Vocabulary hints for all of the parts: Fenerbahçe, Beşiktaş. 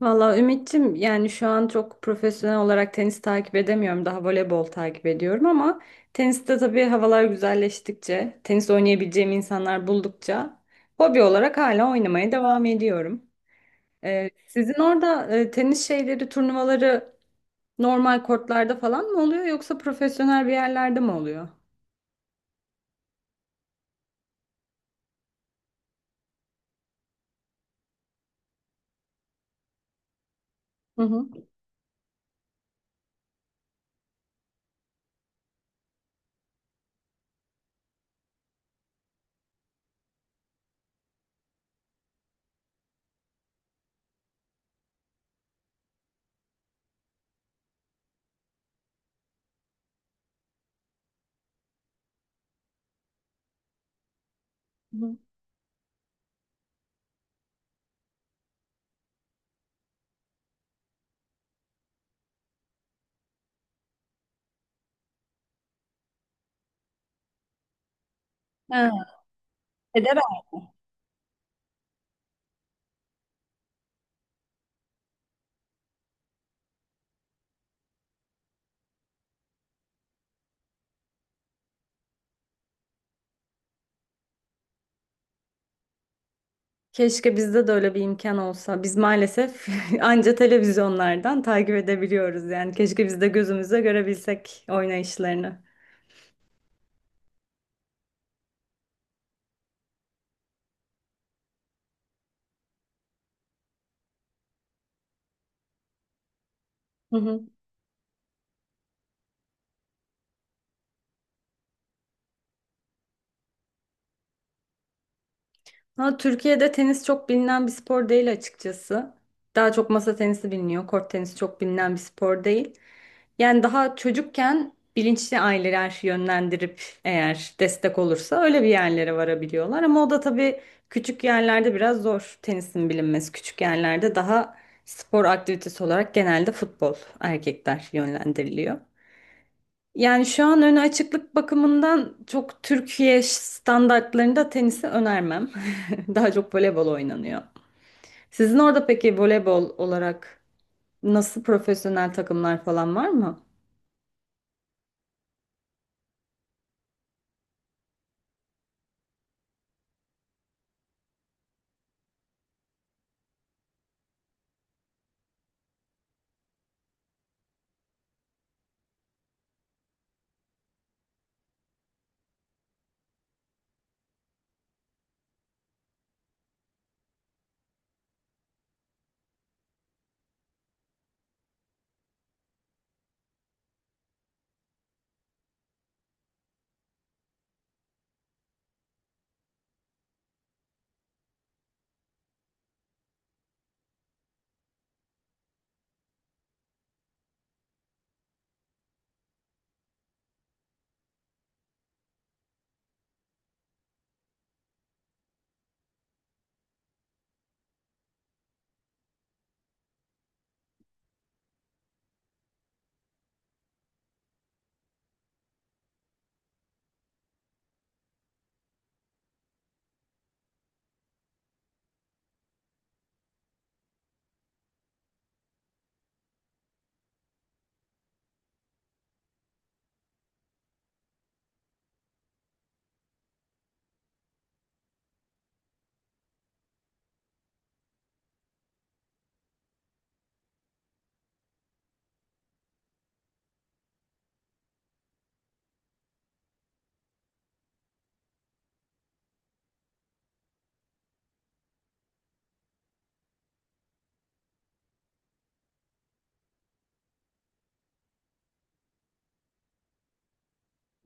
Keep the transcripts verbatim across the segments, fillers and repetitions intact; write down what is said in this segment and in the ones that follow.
Valla Ümit'ciğim yani şu an çok profesyonel olarak tenis takip edemiyorum. Daha voleybol takip ediyorum ama teniste tabii havalar güzelleştikçe, tenis oynayabileceğim insanlar buldukça hobi olarak hala oynamaya devam ediyorum. Ee, sizin orada e, tenis şeyleri, turnuvaları normal kortlarda falan mı oluyor yoksa profesyonel bir yerlerde mi oluyor? Hı hı. Hı hı. Keşke bizde de öyle bir imkan olsa. Biz maalesef anca televizyonlardan takip edebiliyoruz. Yani keşke biz de gözümüzle görebilsek oynayışlarını. Ha, Türkiye'de tenis çok bilinen bir spor değil açıkçası. Daha çok masa tenisi biliniyor. Kort tenisi çok bilinen bir spor değil. Yani daha çocukken bilinçli aileler yönlendirip eğer destek olursa öyle bir yerlere varabiliyorlar. Ama o da tabii küçük yerlerde biraz zor tenisin bilinmesi. Küçük yerlerde daha spor aktivitesi olarak genelde futbol erkekler yönlendiriliyor. Yani şu an öne açıklık bakımından çok Türkiye standartlarında tenisi önermem. Daha çok voleybol oynanıyor. Sizin orada peki voleybol olarak nasıl profesyonel takımlar falan var mı?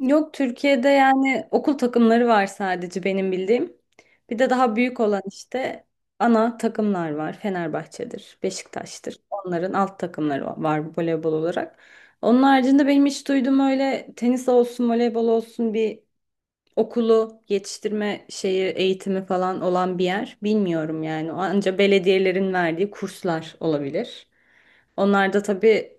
Yok Türkiye'de yani okul takımları var sadece benim bildiğim. Bir de daha büyük olan işte ana takımlar var. Fenerbahçe'dir, Beşiktaş'tır. Onların alt takımları var voleybol olarak. Onun haricinde benim hiç duyduğum öyle tenis olsun, voleybol olsun bir okulu yetiştirme şeyi eğitimi falan olan bir yer bilmiyorum yani. Anca belediyelerin verdiği kurslar olabilir. Onlar da tabii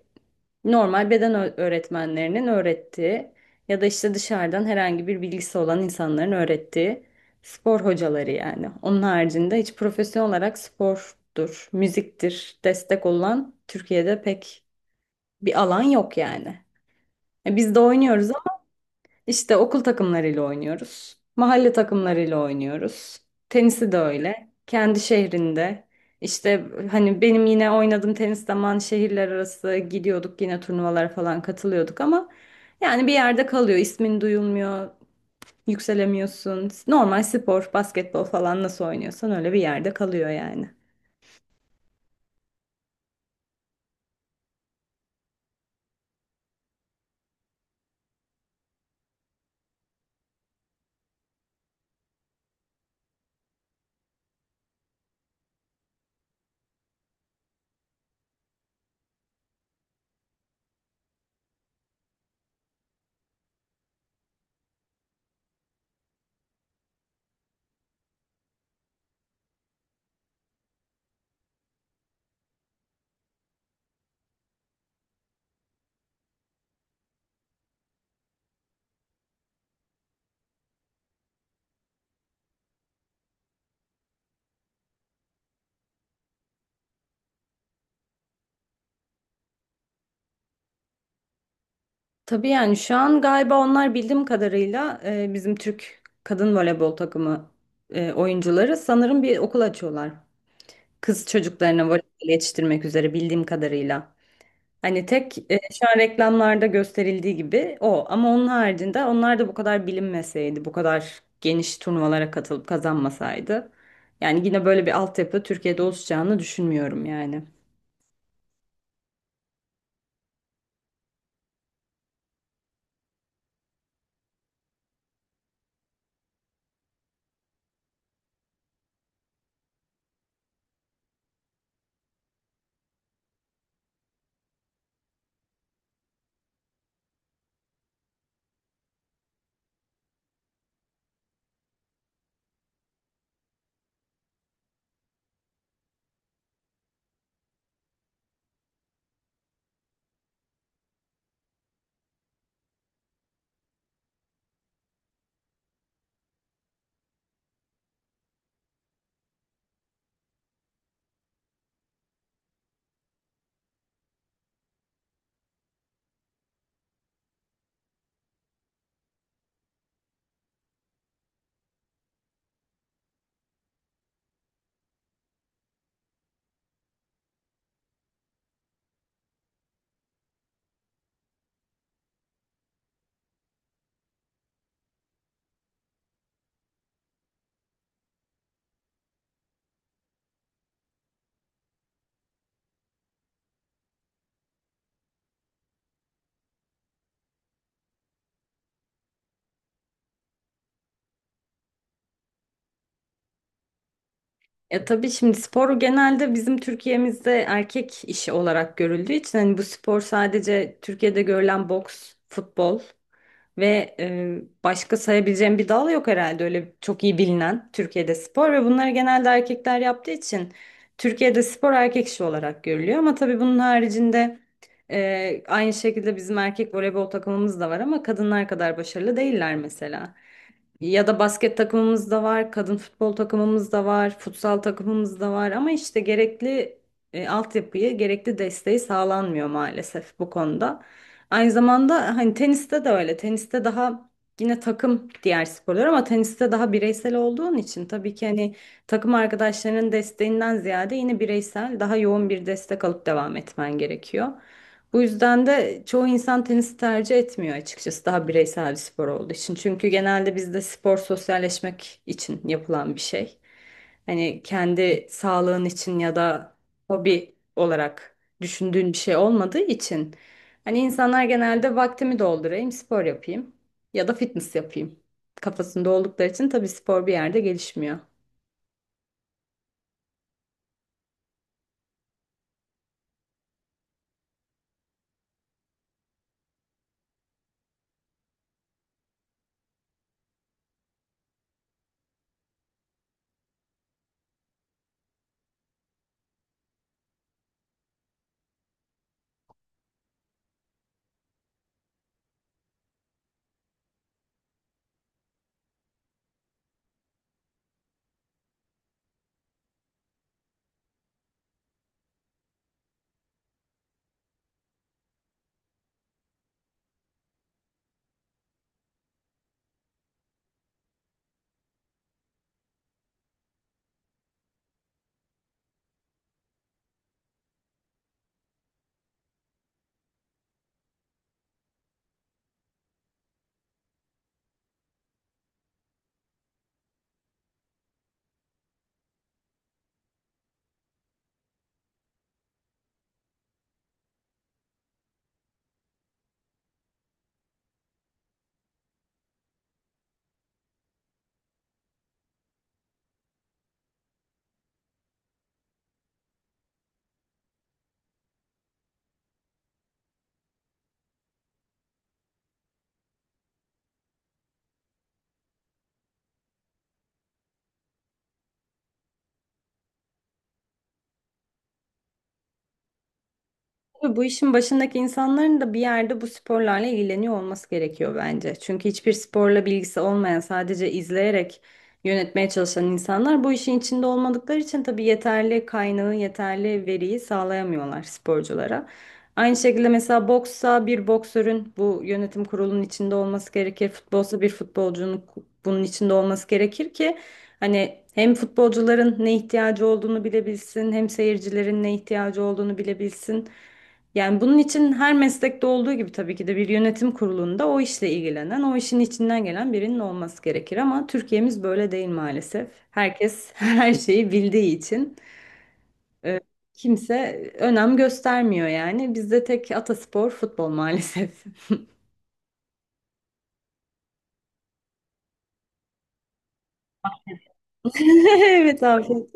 normal beden ö- öğretmenlerinin öğrettiği ya da işte dışarıdan herhangi bir bilgisi olan insanların öğrettiği spor hocaları yani. Onun haricinde hiç profesyonel olarak spordur, müziktir destek olan Türkiye'de pek bir alan yok yani. E, Biz de oynuyoruz işte okul takımlarıyla oynuyoruz. Mahalle takımlarıyla oynuyoruz. Tenisi de öyle. Kendi şehrinde. İşte hani benim yine oynadığım tenis zaman şehirler arası gidiyorduk yine turnuvalara falan katılıyorduk ama yani bir yerde kalıyor. İsmin duyulmuyor. Yükselemiyorsun. Normal spor, basketbol falan nasıl oynuyorsan öyle bir yerde kalıyor yani. Tabii yani şu an galiba onlar bildiğim kadarıyla e, bizim Türk kadın voleybol takımı e, oyuncuları sanırım bir okul açıyorlar. Kız çocuklarına voleybol yetiştirmek üzere bildiğim kadarıyla. Hani tek e, şu an reklamlarda gösterildiği gibi o. Ama onun haricinde onlar da bu kadar bilinmeseydi, bu kadar geniş turnuvalara katılıp kazanmasaydı. Yani yine böyle bir altyapı Türkiye'de oluşacağını düşünmüyorum yani. Ya tabii şimdi spor genelde bizim Türkiye'mizde erkek işi olarak görüldüğü için hani bu spor sadece Türkiye'de görülen boks, futbol. Ve e, başka sayabileceğim bir dal yok herhalde öyle çok iyi bilinen Türkiye'de spor ve bunları genelde erkekler yaptığı için Türkiye'de spor erkek işi olarak görülüyor. Ama tabii bunun haricinde e, aynı şekilde bizim erkek voleybol takımımız da var ama kadınlar kadar başarılı değiller mesela. Ya da basket takımımız da var, kadın futbol takımımız da var, futsal takımımız da var ama işte gerekli e, altyapıyı, gerekli desteği sağlanmıyor maalesef bu konuda. Aynı zamanda hani teniste de öyle. Teniste daha yine takım diğer sporlar ama teniste daha bireysel olduğun için tabii ki hani takım arkadaşlarının desteğinden ziyade yine bireysel daha yoğun bir destek alıp devam etmen gerekiyor. Bu yüzden de çoğu insan tenisi tercih etmiyor açıkçası daha bireysel bir spor olduğu için. Çünkü genelde bizde spor sosyalleşmek için yapılan bir şey. Hani kendi sağlığın için ya da hobi olarak düşündüğün bir şey olmadığı için hani insanlar genelde vaktimi doldurayım, spor yapayım ya da fitness yapayım kafasında oldukları için tabii spor bir yerde gelişmiyor. Tabii bu işin başındaki insanların da bir yerde bu sporlarla ilgileniyor olması gerekiyor bence. Çünkü hiçbir sporla bilgisi olmayan, sadece izleyerek yönetmeye çalışan insanlar bu işin içinde olmadıkları için tabii yeterli kaynağı, yeterli veriyi sağlayamıyorlar sporculara. Aynı şekilde mesela boksa bir boksörün bu yönetim kurulunun içinde olması gerekir. Futbolsa bir futbolcunun ku- bunun içinde olması gerekir ki hani hem futbolcuların ne ihtiyacı olduğunu bilebilsin, hem seyircilerin ne ihtiyacı olduğunu bilebilsin. Yani bunun için her meslekte olduğu gibi tabii ki de bir yönetim kurulunda o işle ilgilenen, o işin içinden gelen birinin olması gerekir ama Türkiye'miz böyle değil maalesef. Herkes her şeyi bildiği için e, kimse önem göstermiyor yani. Bizde tek ataspor futbol maalesef. Evet afiyet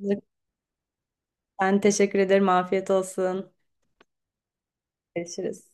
olsun. Ben teşekkür ederim. Afiyet olsun. Görüşürüz.